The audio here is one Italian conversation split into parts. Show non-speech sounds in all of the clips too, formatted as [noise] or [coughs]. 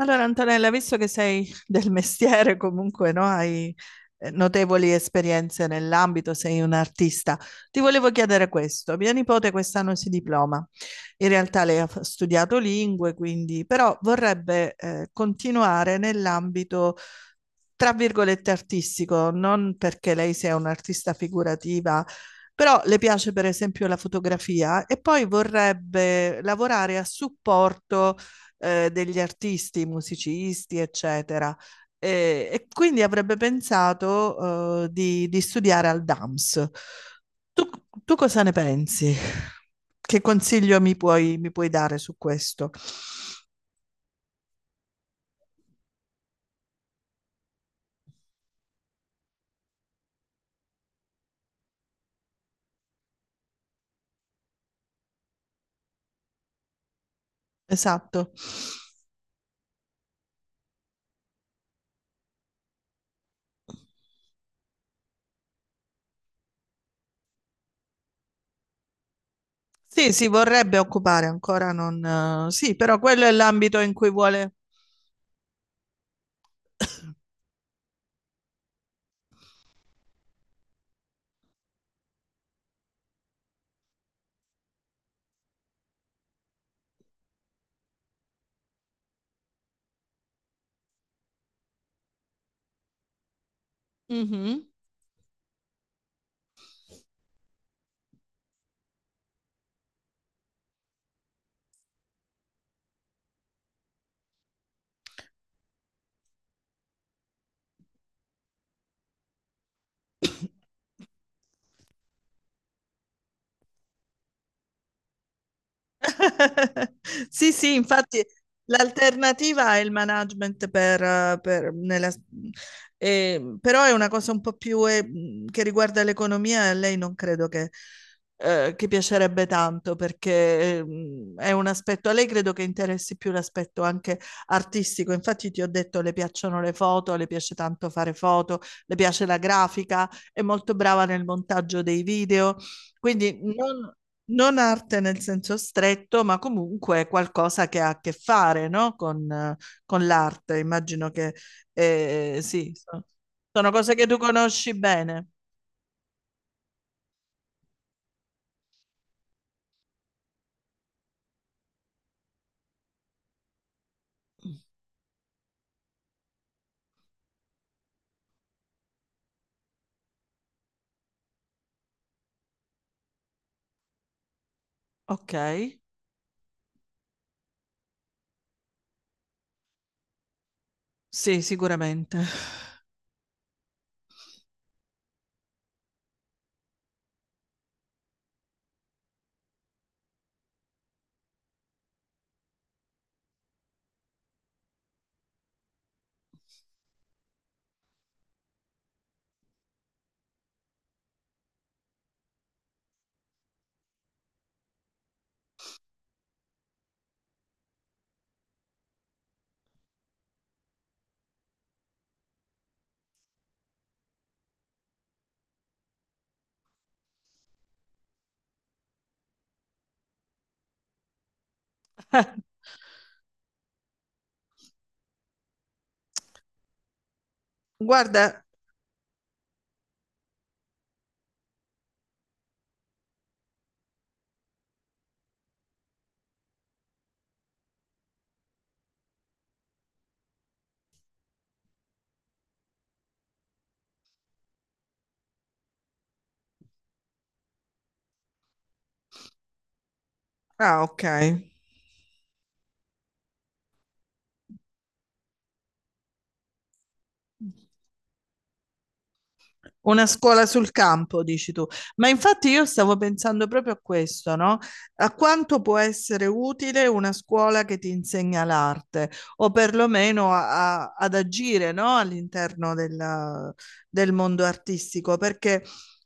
Allora, Antonella, visto che sei [laughs] del mestiere, comunque, no? Hai notevoli esperienze nell'ambito, sei un artista. Ti volevo chiedere questo. Mia nipote quest'anno si diploma. In realtà lei studiato lingue, quindi, però vorrebbe continuare nell'ambito, tra virgolette, artistico, non perché lei sia un'artista figurativa. Però le piace per esempio la fotografia e poi vorrebbe lavorare a supporto degli artisti, musicisti, eccetera. E quindi avrebbe pensato di studiare al DAMS. Tu, tu cosa ne pensi? Che consiglio mi puoi dare su questo? Esatto. Sì, si vorrebbe occupare, ancora non... Sì, però quello è l'ambito in cui vuole... Mhm. [laughs] Sì, sì, infatti l'alternativa è il management però è una cosa un po' più che riguarda l'economia, e a lei non credo che piacerebbe tanto perché è un aspetto, a lei credo che interessi più l'aspetto anche artistico, infatti ti ho detto le piacciono le foto, le piace tanto fare foto, le piace la grafica, è molto brava nel montaggio dei video, quindi non... Non arte nel senso stretto, ma comunque qualcosa che ha a che fare, no? Con l'arte. Immagino che sì, sono cose che tu conosci bene. Ok, sì, sicuramente. Guarda, ah, ok. Una scuola sul campo, dici tu. Ma infatti io stavo pensando proprio a questo, no? A quanto può essere utile una scuola che ti insegna l'arte, o perlomeno ad agire, no? Del mondo artistico, perché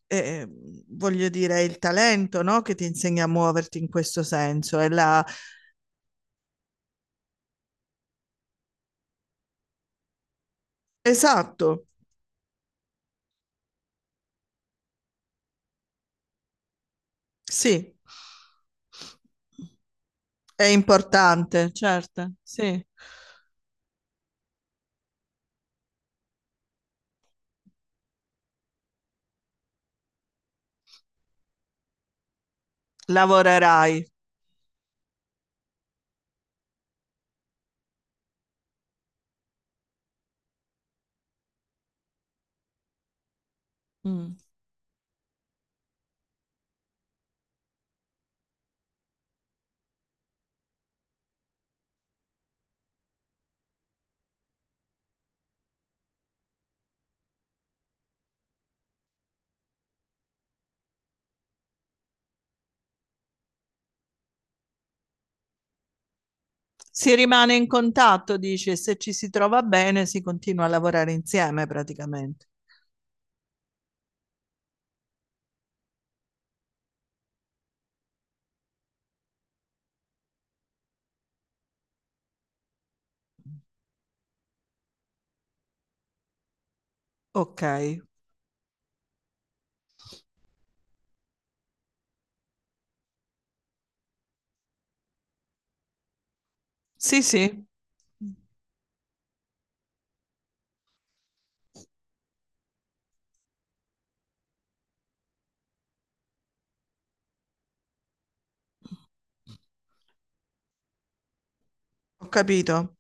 eh, voglio dire, è il talento, no? Che ti insegna a muoverti in questo senso. È la... Esatto, sì, è importante, certo, sì. Lavorerai. Mm. Si rimane in contatto, dice, se ci si trova bene si continua a lavorare insieme praticamente. Ok, sì, sì, ho capito.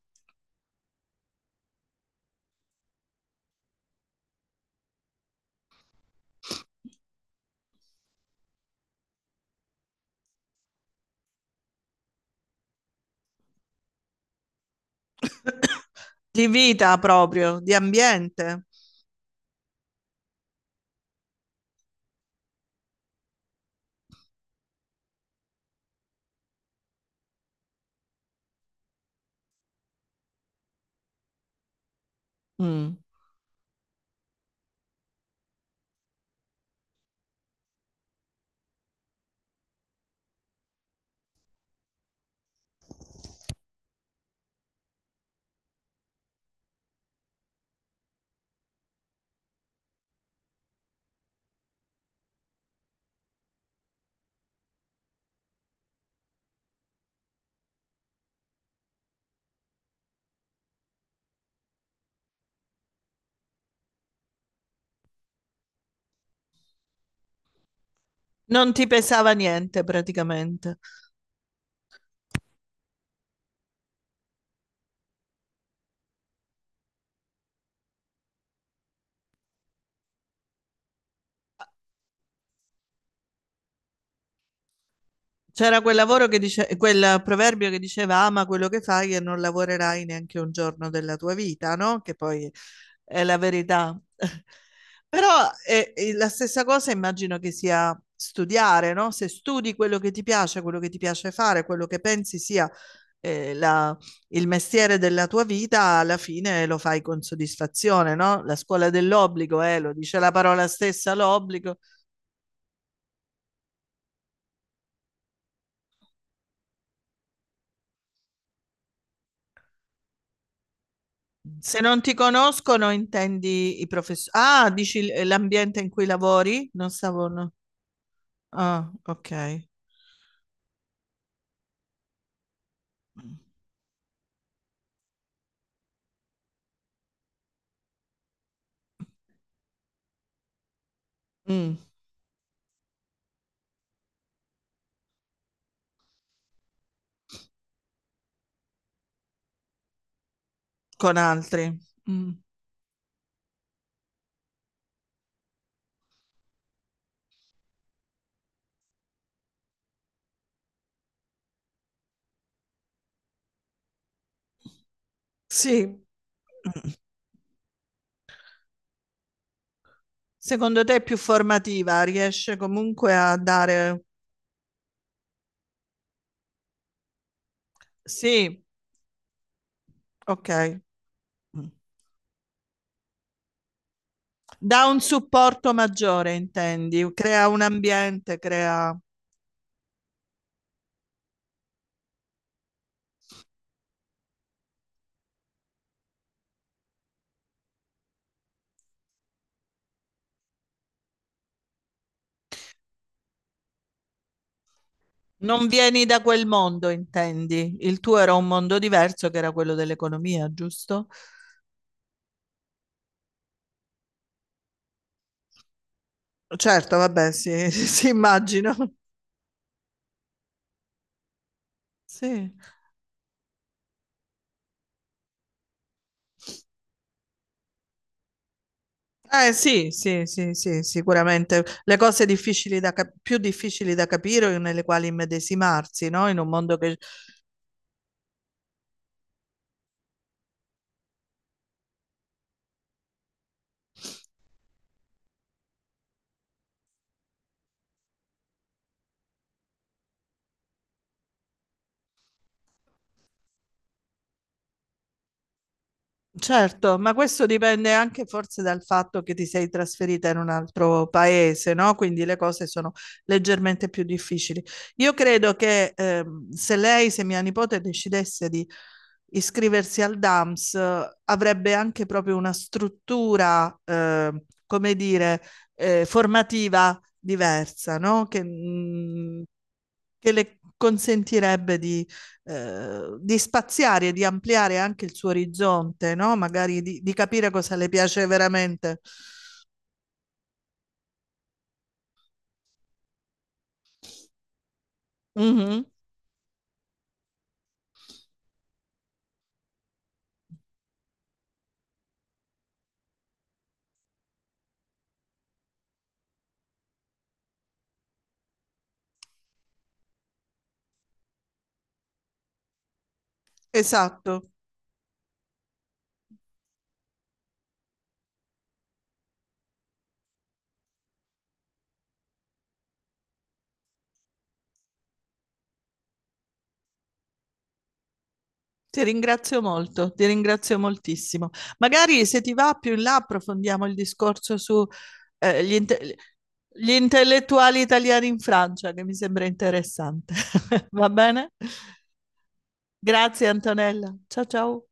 [coughs] Di vita proprio, di ambiente. Mm. Non ti pesava niente praticamente. C'era quel lavoro che dice, quel proverbio che diceva ama quello che fai e non lavorerai neanche un giorno della tua vita, no? Che poi è la verità. [laughs] Però è la stessa cosa immagino che sia studiare, no? Se studi quello che ti piace, quello che ti piace fare, quello che pensi sia eh, la- il mestiere della tua vita, alla fine lo fai con soddisfazione, no? La scuola dell'obbligo, lo dice la parola stessa, l'obbligo. Se non ti conoscono, intendi i professori? Ah, dici l'ambiente in cui lavori? Non stavo... no. Ah, ok. Mm. Con altri. Mm. Sì. Mm. Secondo te è più formativa? Riesce comunque a dare... Sì, ok. Mm. Dà un supporto maggiore, intendi? Crea un ambiente, crea... Non vieni da quel mondo, intendi? Il tuo era un mondo diverso che era quello dell'economia, giusto? Certo, vabbè, sì, [laughs] sì, immagino. Sì. Sì, sì, sì, sì, sicuramente. Le cose difficili più difficili da capire o nelle quali immedesimarsi, no? In un mondo che certo, ma questo dipende anche forse dal fatto che ti sei trasferita in un altro paese, no? Quindi le cose sono leggermente più difficili. Io credo che se lei, se mia nipote decidesse di iscriversi al DAMS, avrebbe anche proprio una struttura, come dire, formativa diversa, no? Che, mm, che le consentirebbe di spaziare e di ampliare anche il suo orizzonte, no? Magari di capire cosa le piace veramente. Mhm. Esatto. Ti ringrazio molto, ti ringrazio moltissimo. Magari se ti va più in là approfondiamo il discorso su eh, gli, inte- gli intellettuali italiani in Francia, che mi sembra interessante. [laughs] Va bene? Grazie Antonella. Ciao ciao.